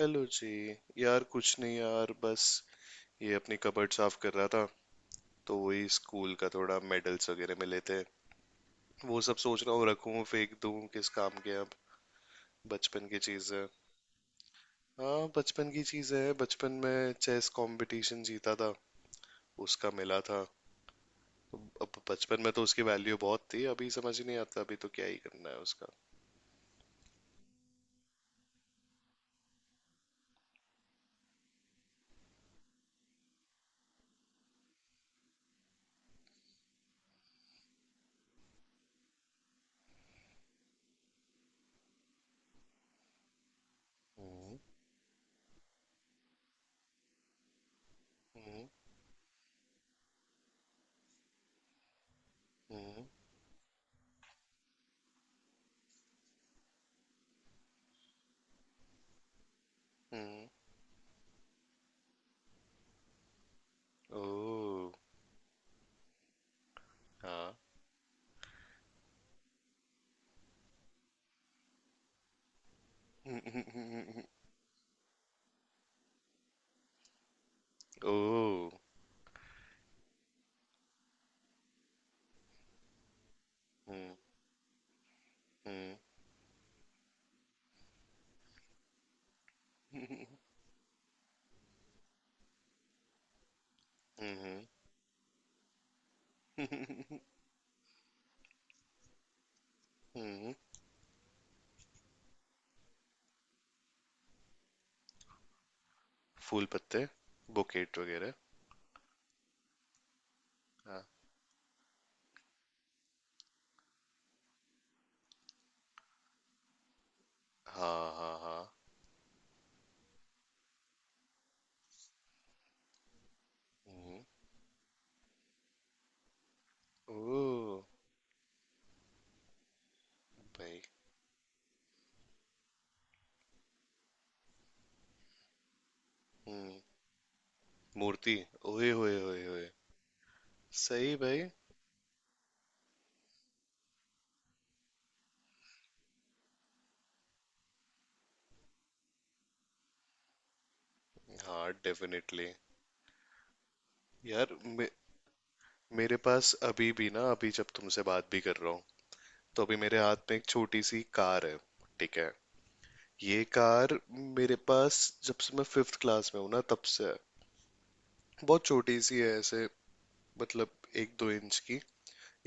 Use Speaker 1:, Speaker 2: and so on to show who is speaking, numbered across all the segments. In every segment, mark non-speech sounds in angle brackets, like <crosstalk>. Speaker 1: Hello जी। यार कुछ नहीं यार, बस ये अपनी कबर्ड साफ कर रहा था, तो वही स्कूल का थोड़ा मेडल्स वगैरह मिले थे। वो सब सोच रहा हूँ रखूँ, फेंक दूँ, किस काम के अब। बचपन की चीज़ है। हाँ, बचपन की चीज़ है। बचपन में चेस कंपटीशन जीता था, उसका मिला था। अब बचपन में तो उसकी वैल्यू बहुत थी, अभी समझ नहीं आता, अभी तो क्या ही करना है उसका। हम्म। हम्म। हम्म। हम्म। ओह। हाँ <laughs> ओह। हम्म। हम्म। हम्म। <laughs> हम्म। फूल पत्ते। बुकेट वगैरह। हाँ हाँ हाँ। हाँ। हम्म। ओ। भाई। हम्म। मूर्ति। ओए होए होए होए। सही भाई। हाँ डेफिनेटली। यार मे, मेरे पास अभी भी ना, अभी जब तुमसे बात भी कर रहा हूँ तो अभी मेरे हाथ में एक छोटी सी कार है। ठीक है। ये कार मेरे पास जब से मैं फिफ्थ क्लास में हूँ ना, तब से है। बहुत छोटी सी है ऐसे, मतलब 1-2 इंच की।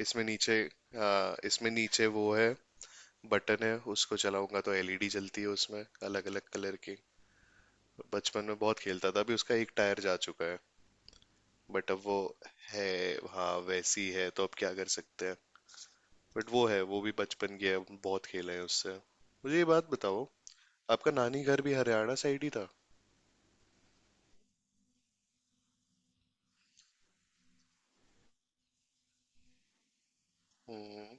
Speaker 1: इसमें नीचे। हाँ, इसमें नीचे वो है, बटन है, उसको चलाऊंगा तो LED जलती है उसमें, अलग अलग कलर की। बचपन में बहुत खेलता था, अभी उसका एक टायर जा चुका है। बट अब वो है। हाँ वैसी है, तो अब क्या कर सकते हैं। बट वो है, वो भी बचपन की है, बहुत खेले हैं उससे। मुझे ये बात बताओ, आपका नानी घर भी हरियाणा साइड ही था? हम्म।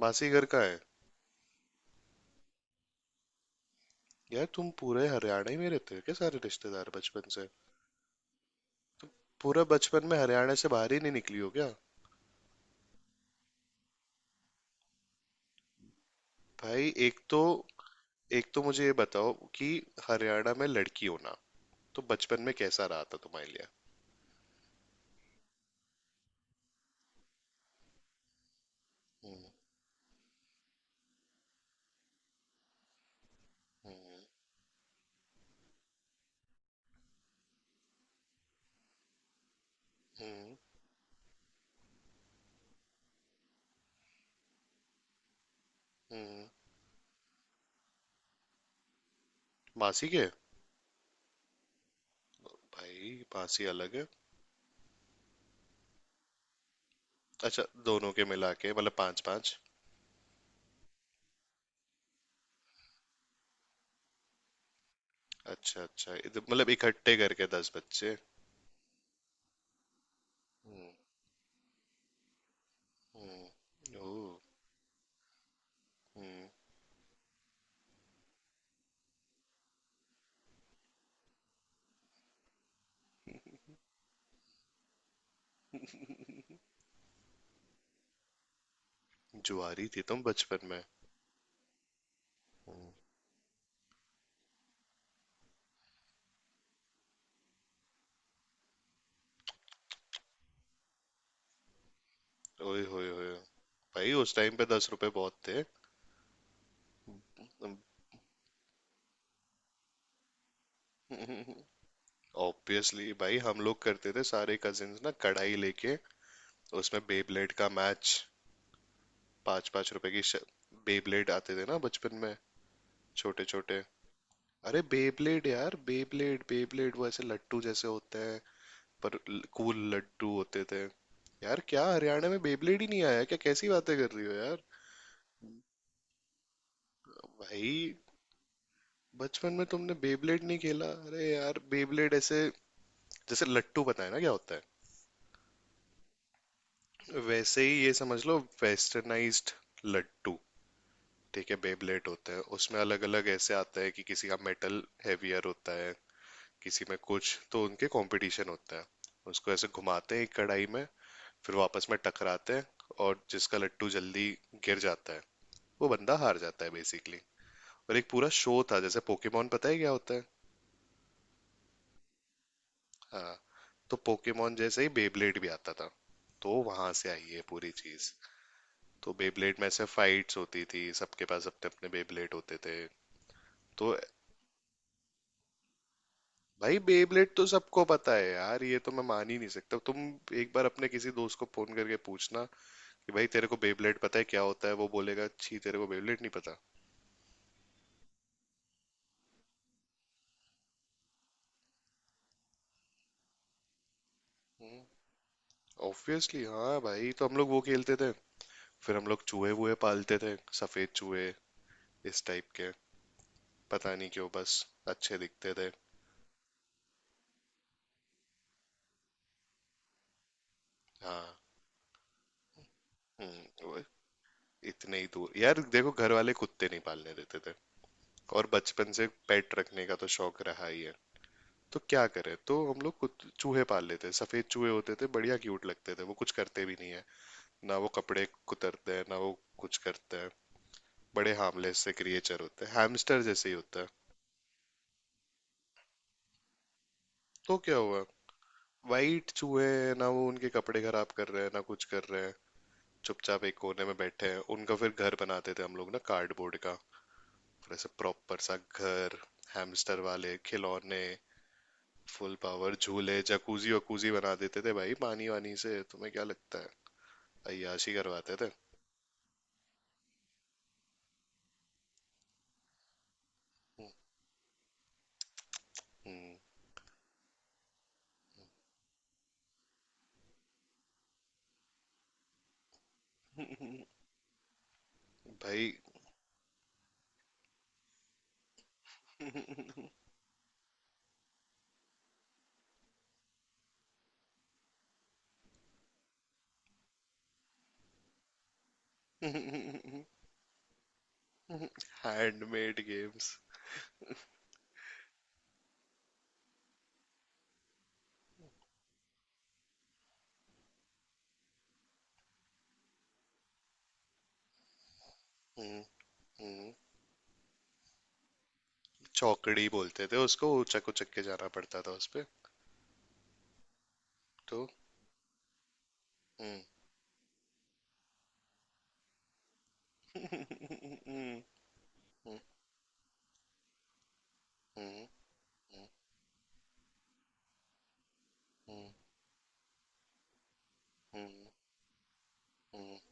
Speaker 1: मासी घर का है? यार तुम पूरे हरियाणा ही में रहते हो क्या, सारे रिश्तेदार बचपन से? पूरा बचपन में हरियाणा से बाहर ही नहीं निकली हो क्या? भाई एक तो, एक तो मुझे ये बताओ कि हरियाणा में लड़की होना, तो बचपन में कैसा रहा था तुम्हारे लिए? हम्म। हम्म। हम्म। मासी के? भाई मासी अलग है। अच्छा, दोनों के मिला के मतलब पांच पांच? अच्छा अच्छा, मतलब इकट्ठे करके 10 बच्चे? हम्म। हम्म। ओह। हम्म। जुआरी थी तुम बचपन में? ओए होए होए। भाई उस टाइम पे 10 रुपए बहुत थे। <laughs> ऑब्वियसली भाई, हम लोग करते थे, सारे कजिन्स ना कढ़ाई लेके, उसमें बेब्लेड का मैच, 5-5 रुपए की। बेब्लेड आते थे ना बचपन में, छोटे छोटे। अरे बेब्लेड यार, बेब्लेड, बेब्लेड वो ऐसे लट्टू जैसे होते हैं, पर कूल लट्टू होते थे। यार क्या हरियाणा में बेब्लेड ही नहीं आया क्या, कैसी बातें कर रही हो यार। भाई। बचपन में तुमने बेब्लेड नहीं खेला? अरे यार, बेब्लेड ऐसे, जैसे लट्टू, पता है ना क्या होता है, वैसे ही ये समझ लो, वेस्टर्नाइज्ड लट्टू। ठीक है, बेब्लेड होते हैं, उसमें अलग अलग ऐसे आता है कि किसी का मेटल हैवियर होता है, किसी में कुछ, तो उनके कंपटीशन होता है। उसको ऐसे घुमाते हैं एक कढ़ाई में, फिर वो आपस में टकराते हैं, और जिसका लट्टू जल्दी गिर जाता है वो बंदा हार जाता है बेसिकली। और एक पूरा शो था जैसे पोकेमोन, पता है क्या होता है? हाँ। तो पोकेमोन जैसे ही बेब्लेड भी आता था, तो वहां से आई है पूरी चीज। तो बेब्लेड में ऐसे फाइट्स होती थी, सबके पास अपने अपने बेब्लेड होते थे। तो भाई बेब्लेड तो सबको पता है यार, ये तो मैं मान ही नहीं सकता। तुम एक बार अपने किसी दोस्त को फोन करके पूछना कि भाई तेरे को बेब्लेड पता है क्या होता है, वो बोलेगा छी तेरे को बेब्लेड नहीं पता। हम्म, ऑब्वियसली हाँ भाई, तो हम लोग वो खेलते थे। फिर हम लोग चूहे वूहे पालते थे, सफेद चूहे, इस टाइप के। पता नहीं क्यों, बस अच्छे दिखते थे। हाँ। हम्म। वो इतने ही दूर। यार देखो, घर वाले कुत्ते नहीं पालने देते थे, और बचपन से पेट रखने का तो शौक रहा ही है, तो क्या करें, तो हम लोग चूहे पाल लेते। सफेद चूहे होते थे, बढ़िया, क्यूट लगते थे। वो कुछ करते भी नहीं है, ना वो कपड़े कुतरते हैं, ना वो कुछ करते हैं। बड़े हार्मलेस से क्रिएचर होते हैं, हैमस्टर जैसे ही होता है। तो क्या हुआ, वाइट चूहे हैं, ना वो उनके कपड़े खराब कर रहे हैं, ना कुछ कर रहे हैं, चुपचाप एक कोने में बैठे हैं। उनका फिर घर बनाते थे हम लोग ना, कार्डबोर्ड का, फिर ऐसे प्रॉपर सा घर, हैमस्टर वाले खिलौने। फुल पावर झूले, जकूजी वकूजी बना देते थे भाई, पानी वानी से। तुम्हें क्या लगता है, अय्याशी करवाते थे। हम्म। भाई <laughs> हैंडमेड गेम्स। हम्म। हम्म। चौकड़ी बोलते थे उसको, वो चक उचक के जाना पड़ता था उस पे। तो <laughs> <laughs> हम्म। हैंडमेड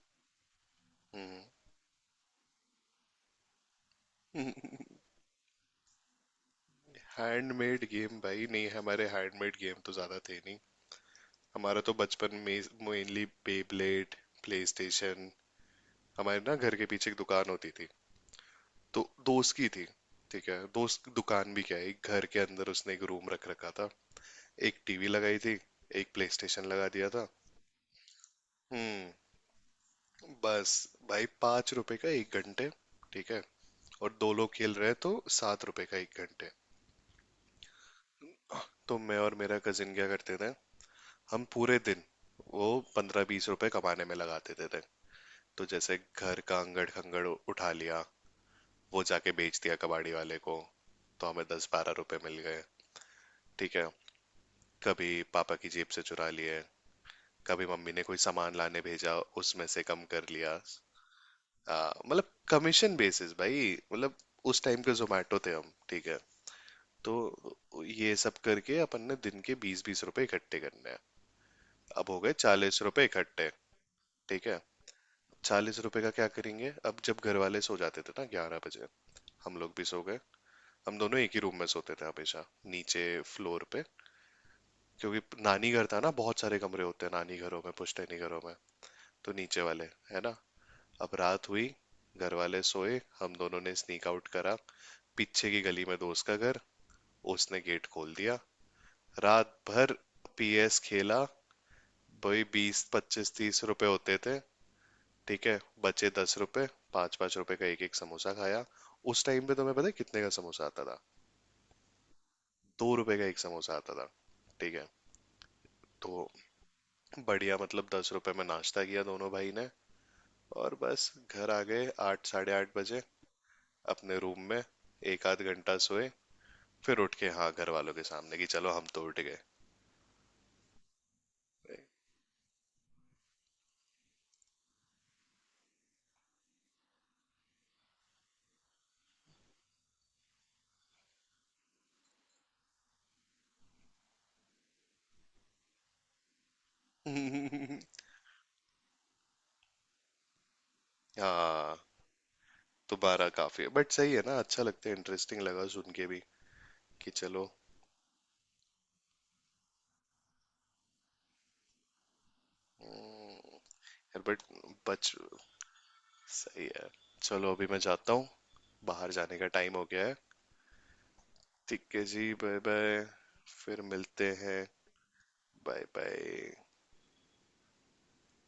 Speaker 1: गेम भाई नहीं, हमारे हैंडमेड गेम तो ज्यादा थे नहीं। हमारा तो बचपन में मेनली बेब्लेड, प्लेस्टेशन। हमारे ना घर के पीछे एक दुकान होती थी, तो दोस्त की थी। ठीक है, दोस्त दुकान भी क्या है, एक घर के अंदर उसने एक रूम रख रखा था, एक टीवी लगाई थी, एक प्लेस्टेशन लगा दिया था। हम्म। बस। भाई 5 रुपए का एक घंटे, ठीक है, और दो लोग खेल रहे हैं तो 7 रुपए का एक घंटे। तो मैं और मेरा कजिन क्या करते थे, हम पूरे दिन वो 15-20 रुपए कमाने में लगा देते थे। तो जैसे घर का अंगड़ खंगड़ उठा लिया, वो जाके बेच दिया कबाड़ी वाले को, तो हमें 10-12 रुपए मिल गए। ठीक है। कभी पापा की जेब से चुरा लिए, कभी मम्मी ने कोई सामान लाने भेजा, उसमें से कम कर लिया। मतलब कमीशन बेसिस भाई। मतलब उस टाइम के जोमेटो थे हम, ठीक है। तो ये सब करके अपन ने दिन के 20-20 रुपए इकट्ठे करने हैं, अब हो गए 40 रुपए इकट्ठे। ठीक है। 40 रुपए का क्या करेंगे? अब जब घर वाले सो जाते थे ना 11 बजे, हम लोग भी सो गए। हम दोनों एक ही रूम में सोते थे हमेशा, नीचे फ्लोर पे, क्योंकि नानी घर था ना, बहुत सारे कमरे होते हैं नानी घरों में, पुश्तैनी घरों में, तो नीचे वाले। है ना। अब रात हुई, घर वाले सोए, हम दोनों ने स्नीक आउट करा। पीछे की गली में दोस्त का घर, उसने गेट खोल दिया। रात भर PS खेला। भाई 20-25-30 रुपए होते थे। ठीक है, बचे 10 रुपए, 5-5 रुपए का एक एक समोसा खाया। उस टाइम पे तुम्हें पता है कितने का समोसा आता था? 2 रुपए का एक समोसा आता था, ठीक है। तो बढ़िया, मतलब 10 रुपए में नाश्ता किया दोनों भाई ने, और बस घर आ गए 8, साढ़े 8 बजे अपने रूम में। एक आध घंटा सोए, फिर उठ के हाँ घर वालों के सामने कि चलो हम तो उठ गए। <laughs> हाँ दोबारा काफी है, बट सही है ना, अच्छा लगता है, इंटरेस्टिंग लगा सुन के भी, कि चलो। बट बच सही है। चलो, अभी मैं जाता हूँ, बाहर जाने का टाइम हो गया है। ठीक है जी, बाय बाय। फिर मिलते हैं। Bye bye.